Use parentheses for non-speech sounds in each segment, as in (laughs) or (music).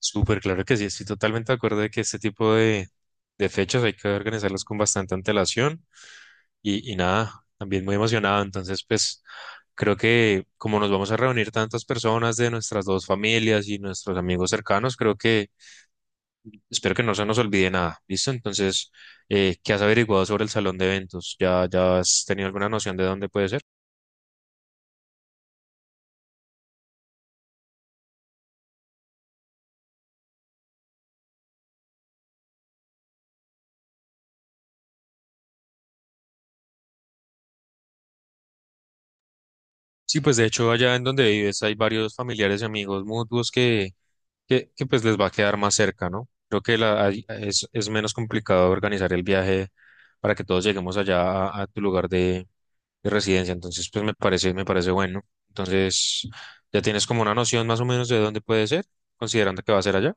Súper claro que sí, estoy totalmente de acuerdo de que este tipo de fechas hay que organizarlas con bastante antelación y nada, también muy emocionado. Entonces, pues creo que como nos vamos a reunir tantas personas de nuestras dos familias y nuestros amigos cercanos, creo que espero que no se nos olvide nada, ¿listo? Entonces, ¿qué has averiguado sobre el salón de eventos? ¿Ya has tenido alguna noción de dónde puede ser? Sí, pues de hecho allá en donde vives hay varios familiares y amigos mutuos que pues les va a quedar más cerca, ¿no? Creo que es menos complicado organizar el viaje para que todos lleguemos allá a tu lugar de residencia. Entonces, pues me parece bueno. Entonces, ya tienes como una noción más o menos de dónde puede ser, considerando que va a ser allá.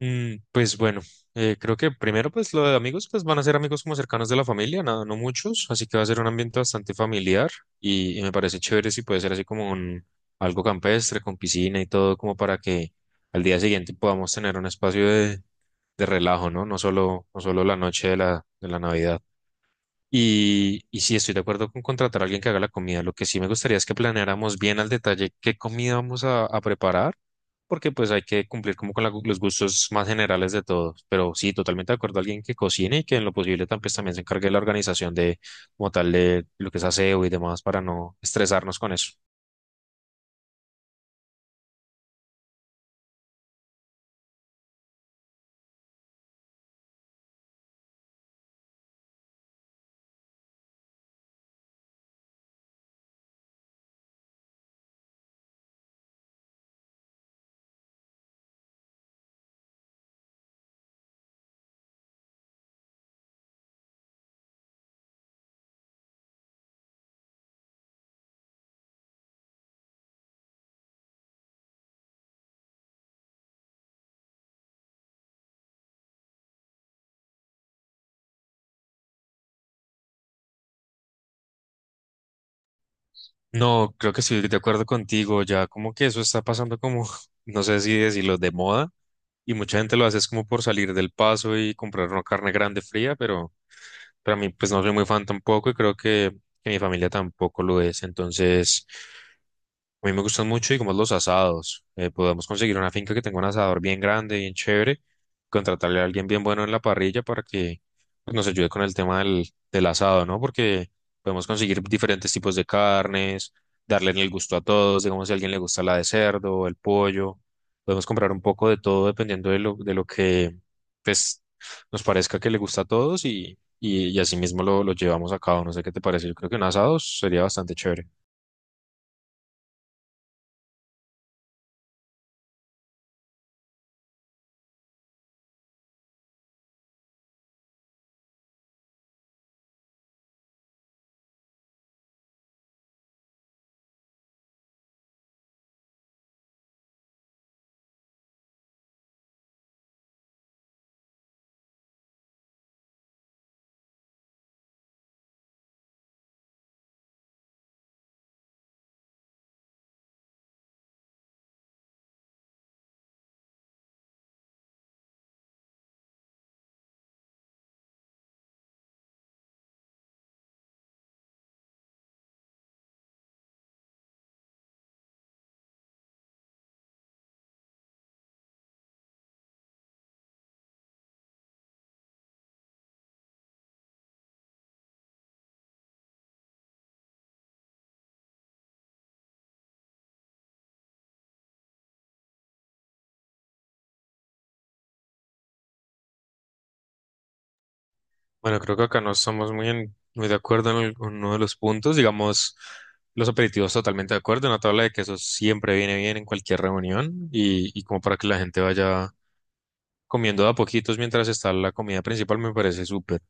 Pues bueno, creo que primero pues lo de amigos pues van a ser amigos como cercanos de la familia, nada, no muchos, así que va a ser un ambiente bastante familiar y me parece chévere si puede ser así como un algo campestre con piscina y todo como para que al día siguiente podamos tener un espacio de relajo, ¿no? No solo, no solo la noche de la Navidad. Y sí, estoy de acuerdo con contratar a alguien que haga la comida. Lo que sí me gustaría es que planeáramos bien al detalle qué comida vamos a preparar, porque pues hay que cumplir como con los gustos más generales de todos. Pero sí, totalmente de acuerdo, alguien que cocine y que en lo posible pues, también se encargue de la organización de como tal de lo que es aseo y demás para no estresarnos con eso. No, creo que estoy de acuerdo contigo. Ya como que eso está pasando como, (laughs) no sé si decirlo, de moda. Y mucha gente lo hace es como por salir del paso y comprar una carne grande fría, pero a mí pues no soy muy fan tampoco y creo que mi familia tampoco lo es. Entonces, a mí me gustan mucho y como los asados. Podemos conseguir una finca que tenga un asador bien grande, bien chévere, contratarle a alguien bien bueno en la parrilla para que pues, nos ayude con el tema del, asado, ¿no? Porque podemos conseguir diferentes tipos de carnes, darle el gusto a todos, digamos si a alguien le gusta la de cerdo, el pollo. Podemos comprar un poco de todo dependiendo de lo que pues, nos parezca que le gusta a todos y así mismo lo llevamos a cabo. No sé qué te parece, yo creo que un asado sería bastante chévere. Bueno, creo que acá no estamos muy de acuerdo en uno de los puntos. Digamos, los aperitivos totalmente de acuerdo. Una tabla de quesos siempre viene bien en cualquier reunión y como para que la gente vaya comiendo de a poquitos mientras está la comida principal me parece súper.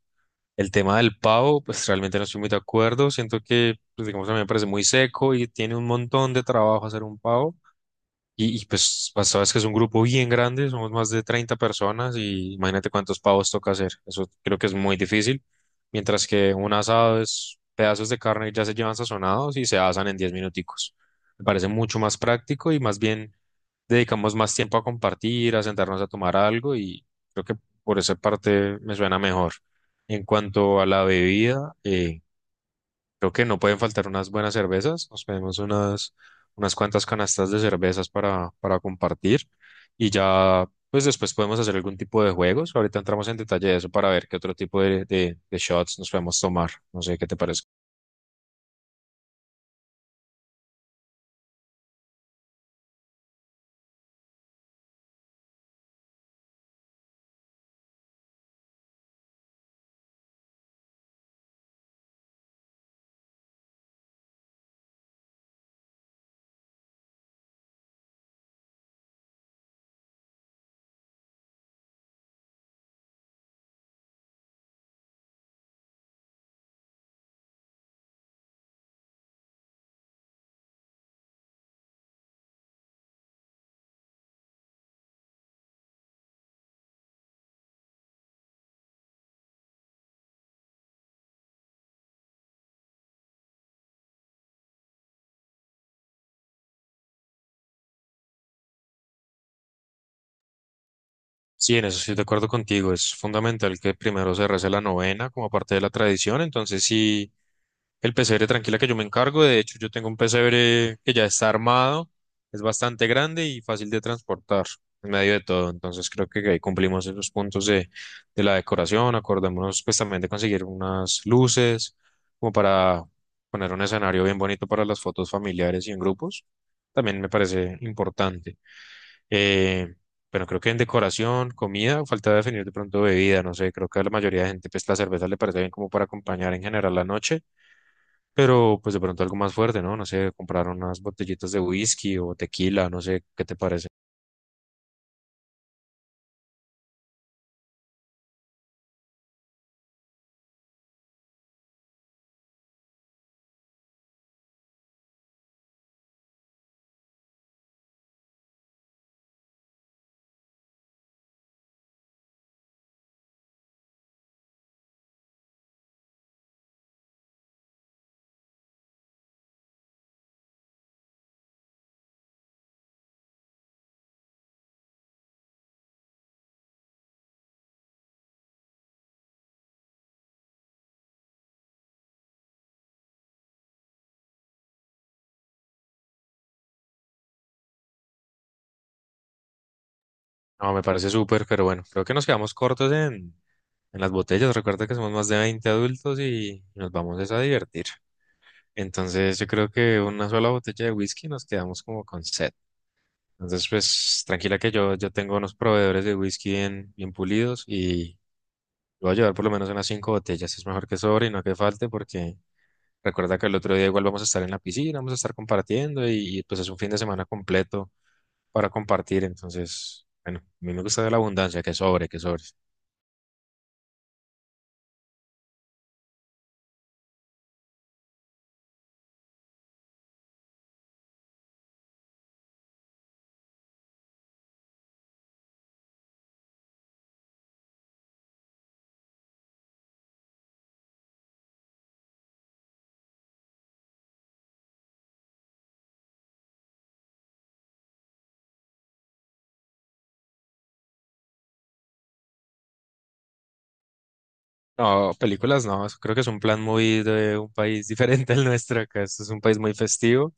El tema del pavo, pues realmente no estoy muy de acuerdo. Siento que, pues, digamos, a mí me parece muy seco y tiene un montón de trabajo hacer un pavo. Y, pues, sabes que es un grupo bien grande, somos más de 30 personas y imagínate cuántos pavos toca hacer. Eso creo que es muy difícil. Mientras que un asado es pedazos de carne que ya se llevan sazonados y se asan en 10 minuticos. Me parece mucho más práctico y más bien dedicamos más tiempo a compartir, a sentarnos a tomar algo y creo que por esa parte me suena mejor. En cuanto a la bebida, creo que no pueden faltar unas buenas cervezas. Nos pedimos unas cuantas canastas de cervezas para compartir. Y ya, pues después podemos hacer algún tipo de juegos. Ahorita entramos en detalle de eso para ver qué otro tipo de shots nos podemos tomar. No sé qué te parece. Sí, en eso estoy de acuerdo contigo. Es fundamental que primero se rece la novena como parte de la tradición. Entonces, sí. El pesebre tranquila que yo me encargo. De hecho, yo tengo un pesebre que ya está armado, es bastante grande y fácil de transportar en medio de todo. Entonces creo que ahí cumplimos esos puntos de la decoración. Acordémonos pues también de conseguir unas luces como para poner un escenario bien bonito para las fotos familiares y en grupos. También me parece importante. Eh, pero creo que en decoración, comida, falta definir de pronto bebida, no sé, creo que a la mayoría de gente pues la cerveza le parece bien como para acompañar en general la noche, pero pues de pronto algo más fuerte, ¿no? No sé, comprar unas botellitas de whisky o tequila, no sé, ¿qué te parece? No, me parece súper, pero bueno, creo que nos quedamos cortos en las botellas. Recuerda que somos más de 20 adultos y nos vamos es a divertir. Entonces yo creo que una sola botella de whisky nos quedamos como con set. Entonces, pues tranquila que yo tengo unos proveedores de whisky bien, bien pulidos y voy a llevar por lo menos unas cinco botellas. Es mejor que sobre y no que falte, porque recuerda que el otro día igual vamos a estar en la piscina, vamos a estar compartiendo y, pues es un fin de semana completo para compartir. Entonces, bueno, a mí me gusta la abundancia, que sobre, que sobre. No, películas no, eso creo que es un plan muy de un país (laughs) diferente al nuestro. Acá esto es un país muy festivo.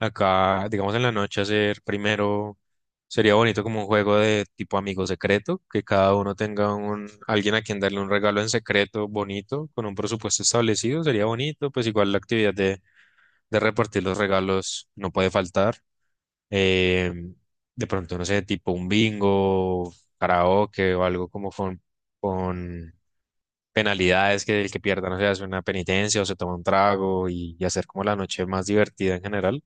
Acá, digamos, en la noche hacer primero sería bonito como un juego de tipo amigo secreto, que cada uno tenga un alguien a quien darle un regalo en secreto bonito, con un presupuesto establecido, sería bonito. Pues igual la actividad de repartir los regalos no puede faltar. Eh, de pronto, no sé, tipo un bingo, karaoke o algo como con, penalidades, que el que pierda, no sé, hace una penitencia o se toma un trago y hacer como la noche más divertida en general.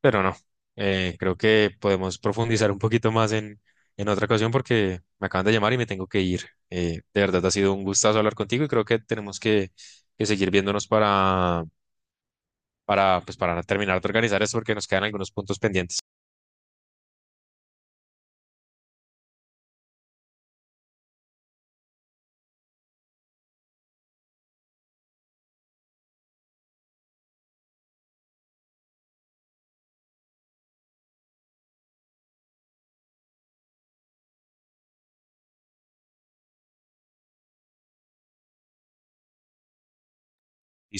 Pero no, creo que podemos profundizar un poquito más en, otra ocasión porque me acaban de llamar y me tengo que ir. De verdad, ha sido un gustazo hablar contigo y creo que tenemos que seguir viéndonos para, pues, para terminar de organizar esto porque nos quedan algunos puntos pendientes.